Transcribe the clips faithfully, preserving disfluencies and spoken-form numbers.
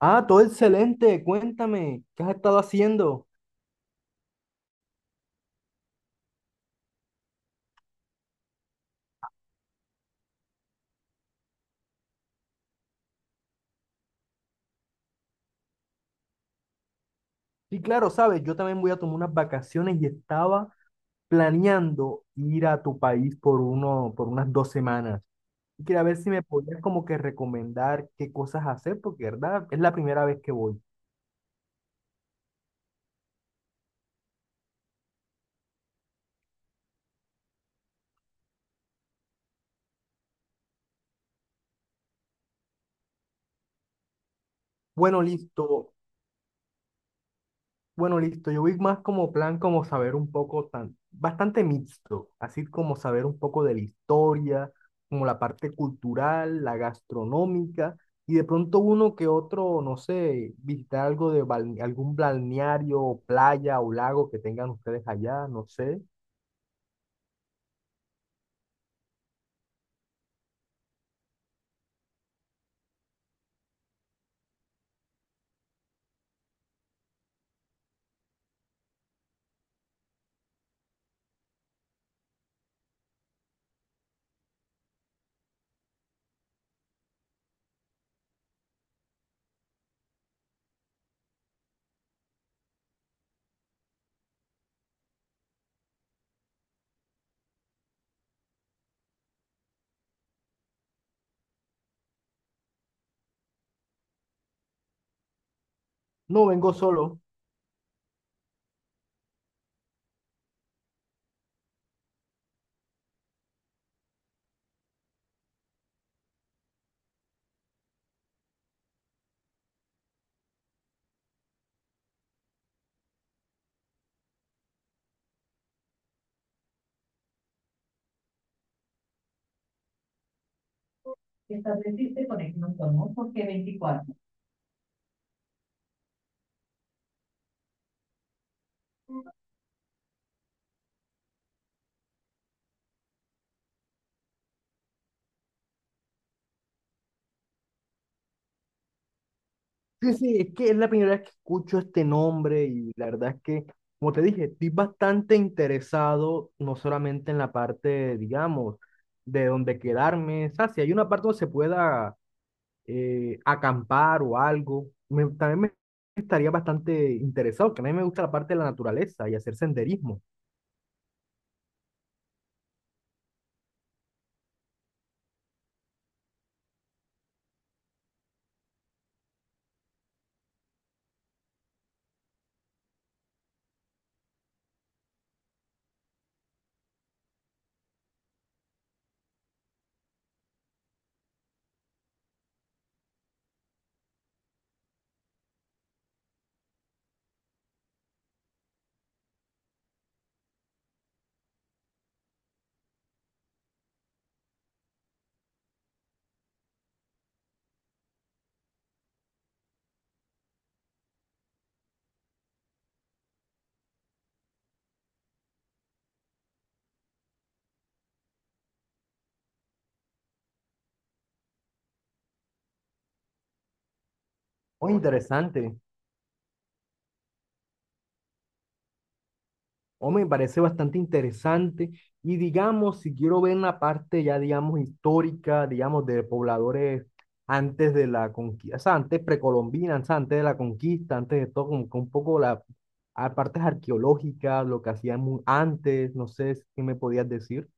Ah, todo excelente. Cuéntame, ¿qué has estado haciendo? Sí, claro, sabes, yo también voy a tomar unas vacaciones y estaba planeando ir a tu país por uno, por unas dos semanas. Y quería ver si me podías como que recomendar qué cosas hacer, porque verdad, es la primera vez que voy. Bueno, listo. Bueno, listo. Yo vi más como plan, como saber un poco tan, bastante mixto, así como saber un poco de la historia, como la parte cultural, la gastronómica, y de pronto uno que otro, no sé, visitar algo de balne- algún balneario, playa o lago que tengan ustedes allá, no sé. No vengo solo. Sí, sí, es que es la primera vez que escucho este nombre y la verdad es que, como te dije, estoy bastante interesado no solamente en la parte, digamos, de donde quedarme, o sea, si hay una parte donde se pueda eh, acampar o algo, me- también me estaría bastante interesado, que a mí me gusta la parte de la naturaleza y hacer senderismo. Muy interesante. O me parece bastante interesante. Y digamos, si quiero ver la parte ya, digamos, histórica, digamos, de pobladores antes de la conquista, o sea, antes precolombinas, o sea, antes de la conquista, antes de todo, como que un poco las partes arqueológicas, lo que hacían mu- antes, no sé si- qué me podías decir.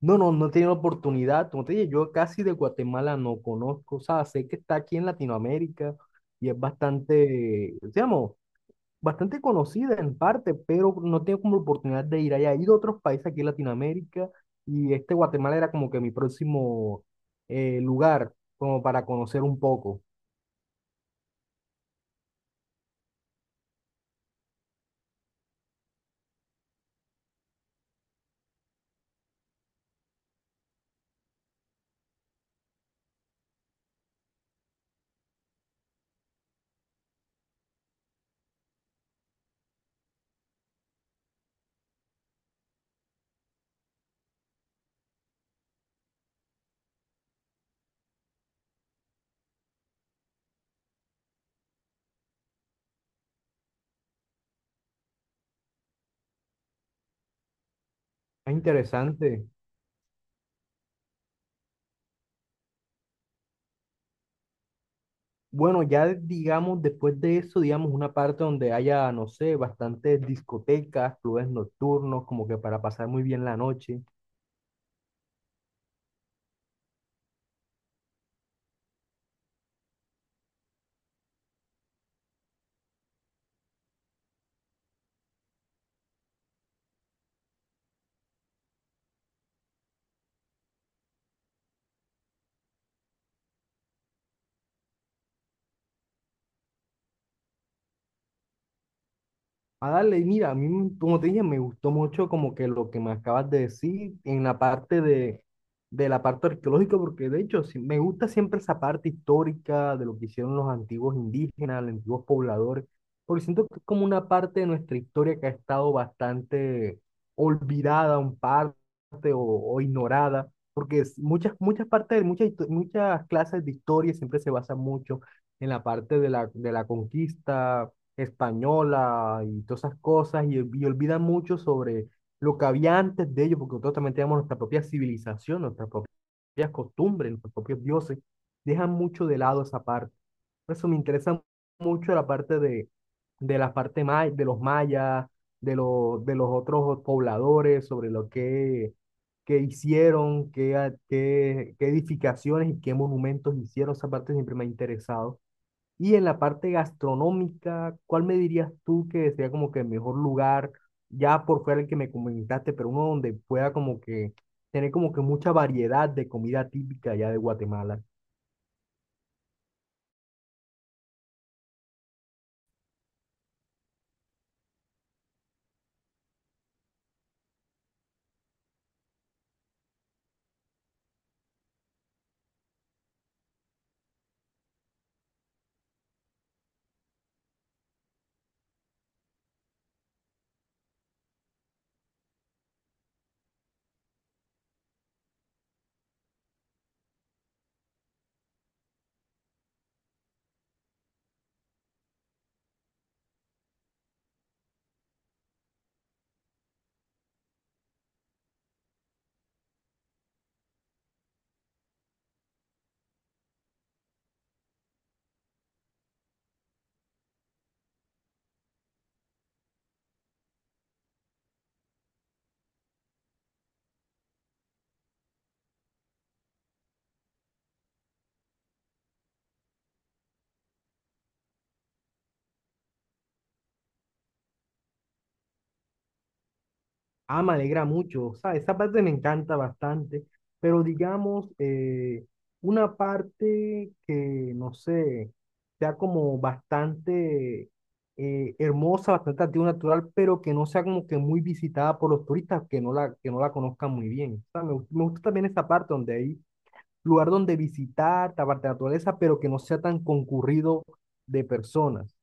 No, no, no he tenido la oportunidad. Como te dije, yo casi de Guatemala no conozco, o sea, sé que está aquí en Latinoamérica y es bastante, digamos, bastante conocida en parte, pero no tengo como oportunidad de ir allá. He ido a otros países aquí en Latinoamérica y este Guatemala era como que mi próximo eh, lugar, como para conocer un poco. Es interesante. Bueno, ya digamos, después de eso, digamos, una parte donde haya, no sé, bastantes discotecas, clubes nocturnos, como que para pasar muy bien la noche. A darle, y mira, a mí, como te dije, me gustó mucho como que lo que me acabas de decir en la parte de, de la parte arqueológica, porque de hecho sí, me gusta siempre esa parte histórica de lo que hicieron los antiguos indígenas, los antiguos pobladores, porque siento que es como una parte de nuestra historia que ha estado bastante olvidada, un parte o, o ignorada, porque es- muchas, muchas partes, muchas, histo- muchas clases de historia siempre se basan mucho en la parte de la, de la conquista española y todas esas cosas, y, y olvidan mucho sobre lo que había antes de ellos, porque nosotros también tenemos nuestra propia civilización, nuestras propias costumbres, nuestros propios dioses, dejan mucho de lado esa parte. Por eso me interesa mucho la parte de, de la parte may- de los mayas, de, los de los otros pobladores, sobre lo que, que hicieron, qué, a- qué, qué edificaciones y qué monumentos hicieron, esa parte siempre me ha interesado. Y en la parte gastronómica, ¿cuál me dirías tú que sería como que el mejor lugar, ya por fuera el que me comentaste, pero uno donde pueda como que tener como que mucha variedad de comida típica ya de Guatemala? Ah, me alegra mucho. O sea, esa parte me encanta bastante, pero digamos, eh, una parte que, no sé, sea como bastante eh, hermosa, bastante atractiva, natural, pero que no sea como que muy visitada por los turistas que no la, que no la conozcan muy bien. O sea, me, gu- me gusta también esta parte donde hay lugar donde visitar, esta parte de la naturaleza, pero que no sea tan concurrido de personas.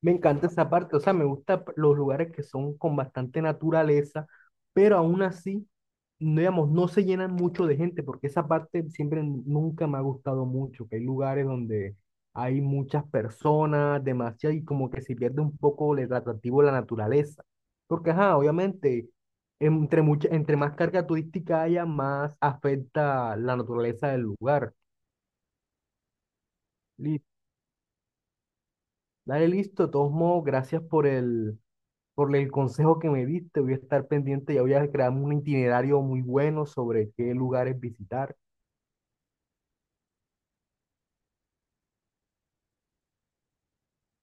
Me encanta esa parte, o sea, me gustan los lugares que son con bastante naturaleza, pero aún así, no, digamos, no se llenan mucho de gente, porque esa parte siempre n- nunca me ha gustado mucho, que hay lugares donde hay muchas personas, demasiado, y como que se pierde un poco el atractivo de la naturaleza. Porque, ajá, obviamente, entre, mucha, entre más carga turística haya, más afecta la naturaleza del lugar. Li- Dale, listo, de todos modos, gracias por el Por el consejo que me diste, voy a estar pendiente, ya voy a crear un itinerario muy bueno sobre qué lugares visitar.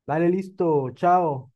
Dale, listo, chao.